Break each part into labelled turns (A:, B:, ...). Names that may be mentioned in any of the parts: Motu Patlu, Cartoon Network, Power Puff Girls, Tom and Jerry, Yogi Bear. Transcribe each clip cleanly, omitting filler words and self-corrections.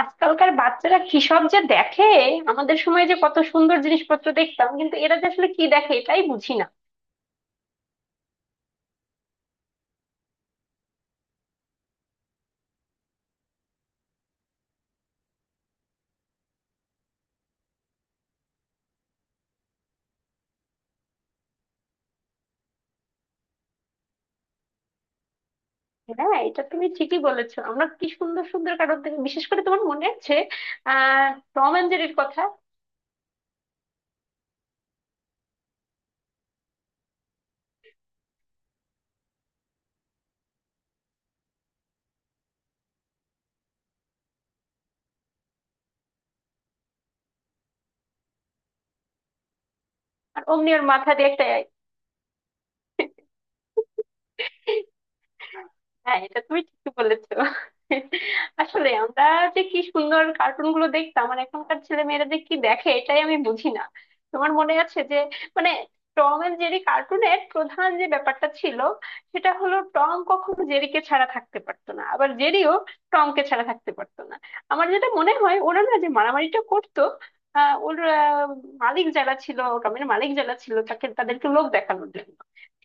A: আজকালকার বাচ্চারা কি সব যে দেখে! আমাদের সময় যে কত সুন্দর জিনিসপত্র দেখতাম, কিন্তু এরা যে আসলে কি দেখে এটাই বুঝি না। হ্যাঁ, এটা তুমি ঠিকই বলেছো। আমরা কি সুন্দর সুন্দর কারণ থেকে, বিশেষ করে তোমার মনে আছে আহ টম এন্ড জেরির কথা? আর অমনি ওর মাথা দিয়ে একটা। হ্যাঁ, এটা তুমি ঠিকই বলেছো। আসলে আমরা যে কি সুন্দর কার্টুন গুলো দেখতাম, আর এখনকার ছেলে মেয়েরা যে কি দেখে এটাই আমি বুঝি না। তোমার মনে আছে যে, মানে, টম এন্ড জেরি কার্টুনের প্রধান যে ব্যাপারটা ছিল সেটা হলো, টম কখনো জেরিকে ছাড়া থাকতে পারতো না, আবার জেরিও টমকে ছাড়া থাকতে পারতো না। আমার যেটা মনে হয়, ওরা না যে মারামারিটা করতো আহ ওর আহ, মালিক যারা ছিল, টমের মালিক যারা ছিল তাকে, তাদেরকে লোক দেখানোর জন্য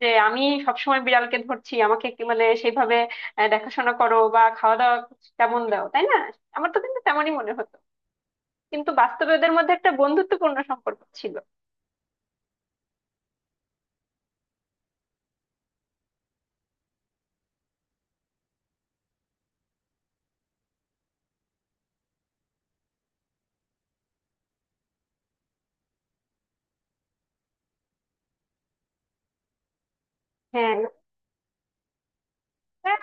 A: যে আমি সবসময় বিড়ালকে ধরছি, আমাকে কি মানে সেইভাবে দেখাশোনা করো বা খাওয়া দাওয়া তেমন দাও, তাই না? আমার তো কিন্তু তেমনই মনে হতো। কিন্তু বাস্তবে ওদের মধ্যে একটা বন্ধুত্বপূর্ণ সম্পর্ক ছিল। হ্যাঁ, হ্যাঁ,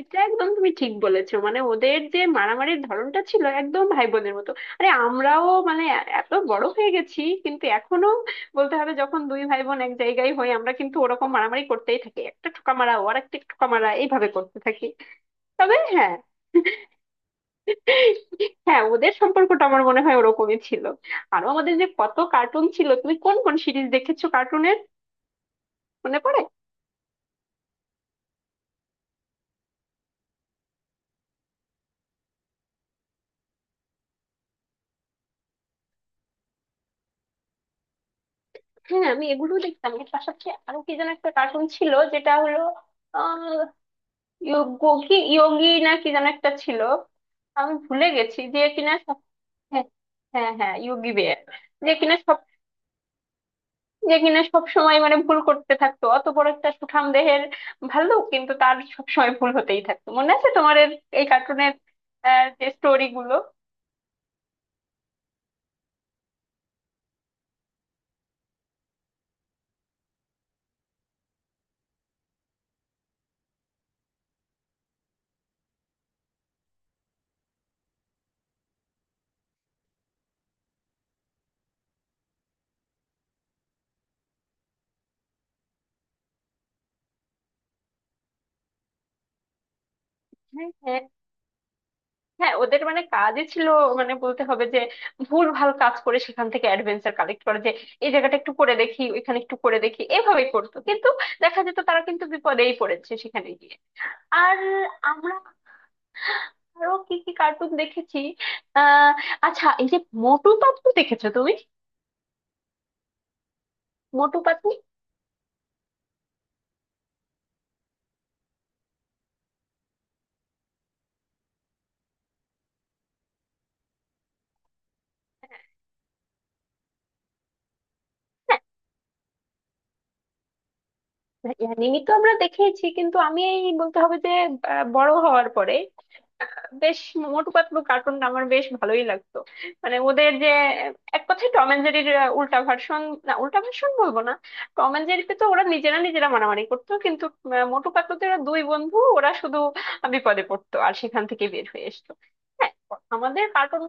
A: এটা একদম তুমি ঠিক বলেছো। মানে ওদের যে মারামারির ধরনটা ছিল একদম ভাই বোনের মতো। আরে, আমরাও মানে এত বড় হয়ে গেছি, কিন্তু এখনো বলতে হবে, যখন দুই ভাই বোন এক জায়গায় হই আমরা কিন্তু ওরকম মারামারি করতেই থাকি, একটা ঠোকা মারা ও আর একটা ঠোকা মারা, এইভাবে করতে থাকি। তবে হ্যাঁ, হ্যাঁ, ওদের সম্পর্কটা আমার মনে হয় ওরকমই ছিল। আরো আমাদের যে কত কার্টুন ছিল, তুমি কোন কোন সিরিজ দেখেছো কার্টুনের মনে পড়ে? হ্যাঁ, আমি এগুলো দেখতাম। এর পাশাপাশি আরো কি যেন একটা কার্টুন ছিল, যেটা হলো আহ ইয়োগি, ইয়োগি না কি যেন একটা ছিল, আমি ভুলে গেছি যে কিনা সব-। হ্যাঁ, হ্যাঁ, হ্যাঁ, ইয়োগি বেয়ার। যে কিনা যে কিনা সবসময় মানে ভুল করতে থাকতো, অত বড় একটা সুঠাম দেহের ভাল্লুক, কিন্তু তার সবসময় ভুল হতেই থাকতো। মনে আছে তোমার এই কার্টুনের যে স্টোরি গুলো? হ্যাঁ, হ্যাঁ, হ্যাঁ, ওদের মানে কাজই ছিল মানে বলতে হবে যে, ভুল ভাল কাজ করে সেখান থেকে অ্যাডভেঞ্চার কালেক্ট করে, যে এই জায়গাটা একটু করে দেখি, ওইখানে একটু করে দেখি, এভাবেই করতো, কিন্তু দেখা যেত তারা কিন্তু বিপদেই পড়েছে সেখানে গিয়ে। আর আমরা আরো কি কি কার্টুন দেখেছি? আহ আচ্ছা, এই যে মোটু পাতলু দেখেছো তুমি? মোটু পাতলু। অ্যানিমি তো আমরা দেখেইছি, কিন্তু আমি এই বলতে হবে যে বড় হওয়ার পরে বেশ মোটু পাতলু কার্টুন আমার বেশ ভালোই লাগতো। মানে ওদের যে এক কথায় টম এন্ড জেরির উল্টা ভার্সন, না উল্টা ভার্সন বলবো না, টম এন্ড জেরিতে তো ওরা নিজেরা নিজেরা মারামারি করতো, কিন্তু মোটু পাতলুতে ওরা দুই বন্ধু, ওরা শুধু বিপদে পড়তো আর সেখান থেকে বের হয়ে আসতো। হ্যাঁ, আমাদের কার্টুন।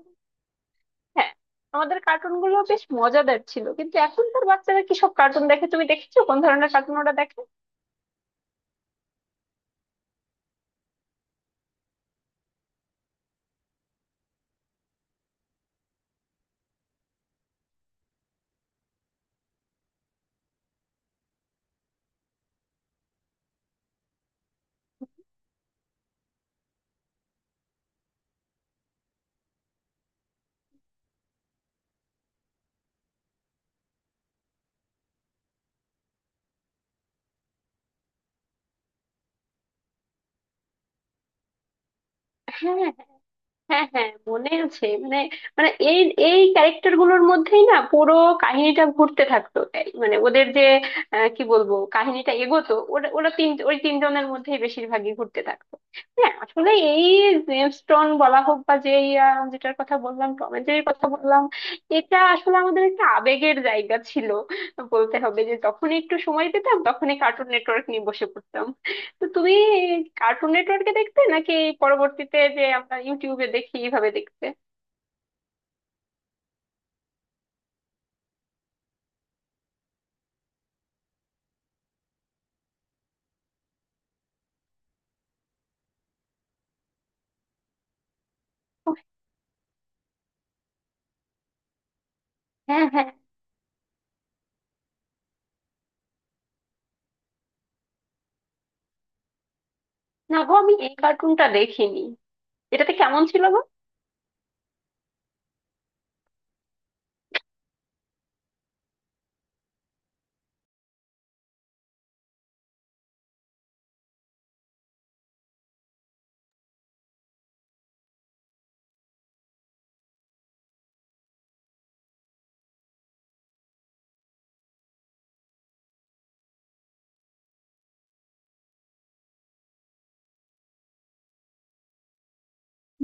A: হ্যাঁ, আমাদের কার্টুন গুলো বেশ মজাদার ছিল, কিন্তু এখনকার বাচ্চারা কি সব কার্টুন দেখে তুমি দেখেছো, কোন ধরনের কার্টুন ওরা দেখে? হ্যাঁ, হ্যাঁ, হ্যাঁ, মনে আছে। মানে, মানে এই, এই ক্যারেক্টার গুলোর মধ্যেই না পুরো কাহিনীটা ঘুরতে থাকতো, এই মানে ওদের যে কি বলবো, কাহিনীটা এগোতো ওরা ওরা তিন, ওই তিনজনের মধ্যেই বেশিরভাগই ঘুরতে থাকতো। হ্যাঁ, আসলে এই জেমস টন বলা হোক বা যে, যেটার কথা বললাম, টম এন্ড জেরির কথা বললাম, এটা আসলে আমাদের একটা আবেগের জায়গা ছিল। বলতে হবে যে, যখন একটু সময় পেতাম তখনই কার্টুন নেটওয়ার্ক নিয়ে বসে পড়তাম। তো তুমি কার্টুন নেটওয়ার্কে দেখতে নাকি পরবর্তীতে যে আমরা ইউটিউবে দেখি, এইভাবে দেখতে? ও, হ্যাঁ, হ্যাঁ। না গো, আমি এই কার্টুনটা দেখিনি। এটাতে কেমন ছিল গো?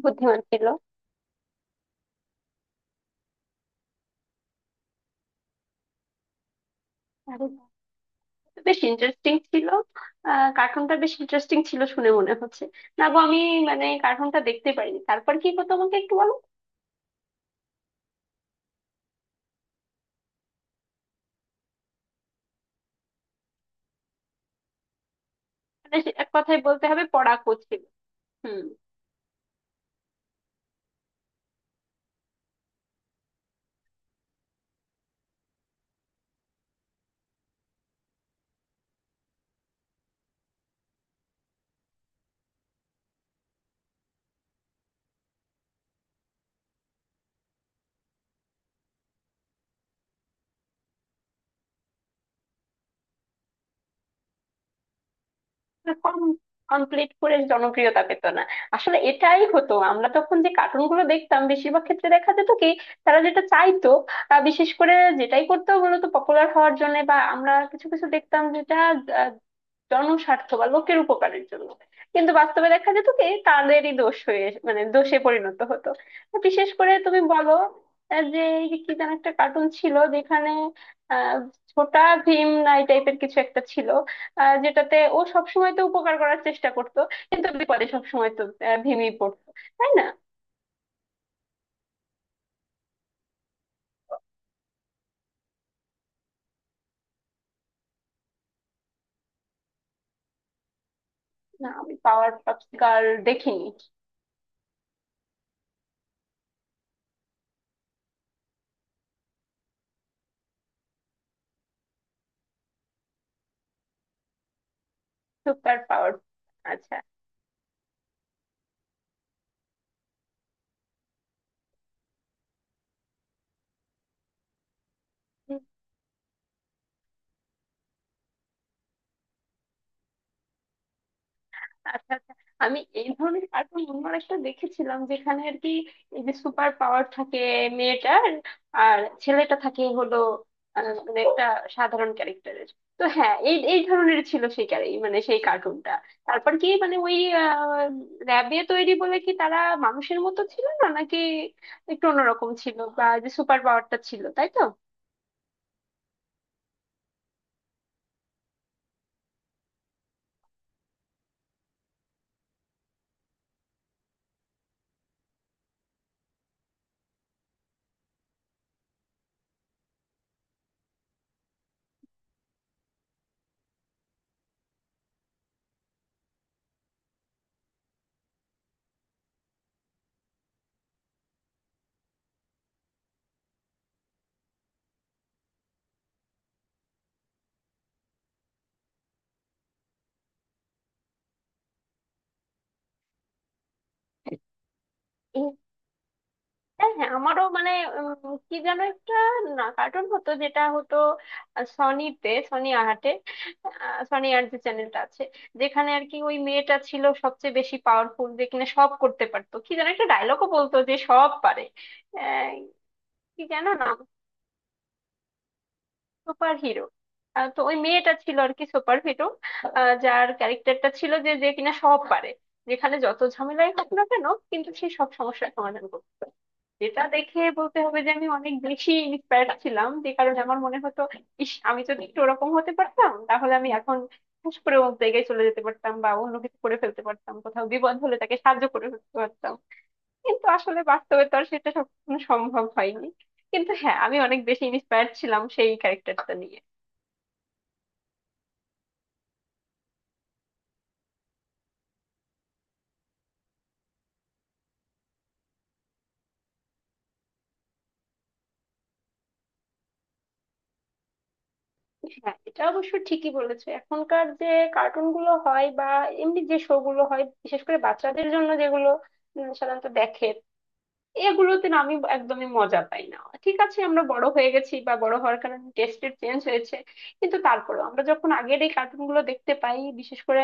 A: বুদ্ধিমান ছিল। আরে বাহ। তো বেশ ইন্টারেস্টিং ছিল। কার্টুনটা বেশ ইন্টারেস্টিং ছিল শুনে মনে হচ্ছে। না গো, আমি মানে কার্টুনটা দেখতে পারিনি, তারপর কি গো তোমাকে একটু বলো। মানে এক কথায় বলতে হবে পড়াকো ছিল। হুম। কমপ্লিট করে জনপ্রিয়তা পেত না। আসলে এটাই হতো, আমরা তখন যে কার্টুন গুলো দেখতাম বেশিরভাগ ক্ষেত্রে দেখা যেত কি, তারা যেটা চাইতো বিশেষ করে যেটাই করতো মূলত পপুলার হওয়ার জন্য, বা আমরা কিছু কিছু দেখতাম যেটা আহ, জনস্বার্থ বা লোকের উপকারের জন্য, কিন্তু বাস্তবে দেখা যেত কি, তাদেরই দোষ হয়ে মানে দোষে পরিণত হতো। তো বিশেষ করে তুমি বলো যে এই যে কি যেন একটা কার্টুন ছিল যেখানে আহ ছোটা ভীম না এই টাইপের কিছু একটা ছিল, যেটাতে ও সবসময় তো উপকার করার চেষ্টা করতো, কিন্তু বিপদে সবসময় তো ভেঙেই পড়তো, তাই না? না, আমি পাওয়ার পাপস গার্ল দেখিনি। Super power. আচ্ছা। আচ্ছা, আমি এই ধরনের কার্টুন অন্য একটা দেখেছিলাম যেখানে আর কি এই যে সুপার পাওয়ার থাকে মেয়েটার, আর ছেলেটা থাকে হলো মানে একটা সাধারণ ক্যারেক্টারের। তো হ্যাঁ, এই এই ধরনের ছিল সেই মানে সেই কার্টুনটা। তারপর কি মানে ওই র্যাবে তৈরি বলে কি তারা মানুষের মতো ছিল না নাকি একটু অন্যরকম ছিল, বা যে সুপার পাওয়ারটা ছিল তাই তো। হ্যাঁ, হ্যাঁ, আমারও মানে কি যেন একটা না কার্টুন হতো, যেটা হতো সনিতে, সনি আর যে চ্যানেলটা আছে, যেখানে আর কি ওই মেয়েটা ছিল সবচেয়ে বেশি পাওয়ারফুল, যে কিনা সব করতে পারতো, কি যেন একটা ডায়লগও বলতো যে সব পারে। আহ, কি যেন নাম। Superhero. তো ওই মেয়েটা ছিল আর কি সুপার হিরো, যার ক্যারেক্টারটা ছিল যে, যে কিনা সব পারে, যেখানে যত ঝামেলাই হোক না কেন কিন্তু সে সব সমস্যার সমাধান করতো। যেটা দেখে বলতে হবে যে আমি অনেক বেশি ইন্সপায়ার্ড ছিলাম, যে কারণে আমার মনে হতো, ইস আমি যদি একটু ওরকম হতে পারতাম, তাহলে আমি এখন হুশ করে অন্য জায়গায় চলে যেতে পারতাম, বা অন্য কিছু করে ফেলতে পারতাম, কোথাও বিপদ হলে তাকে সাহায্য করে ফেলতে পারতাম। কিন্তু আসলে বাস্তবে তো আর সেটা সবসময় সম্ভব হয়নি। কিন্তু হ্যাঁ, আমি অনেক বেশি ইন্সপায়ার্ড ছিলাম সেই ক্যারেক্টারটা নিয়ে। হ্যাঁ, এটা অবশ্য ঠিকই বলেছো। এখনকার যে কার্টুন গুলো হয় বা এমনি যে শো গুলো হয়, বিশেষ করে বাচ্চাদের জন্য যেগুলো সাধারণত দেখে, এগুলোতে না আমি একদমই মজা পাই না। ঠিক আছে, আমরা বড় হয়ে গেছি বা বড় হওয়ার কারণে টেস্টের চেঞ্জ হয়েছে, কিন্তু তারপরেও আমরা যখন আগের এই কার্টুন গুলো দেখতে পাই, বিশেষ করে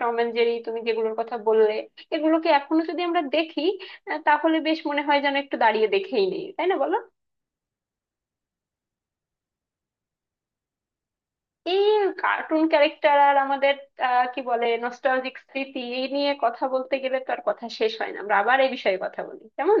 A: টম এন্ড জেরি তুমি যেগুলোর কথা বললে, এগুলোকে এখনো যদি আমরা দেখি তাহলে বেশ মনে হয় যেন একটু দাঁড়িয়ে দেখেই নেই, তাই না বলো? এই কার্টুন ক্যারেক্টার আর আমাদের কি বলে নস্টালজিক স্মৃতি, এই নিয়ে কথা বলতে গেলে তো আর কথা শেষ হয় না, আমরা আবার এই বিষয়ে কথা বলি, কেমন?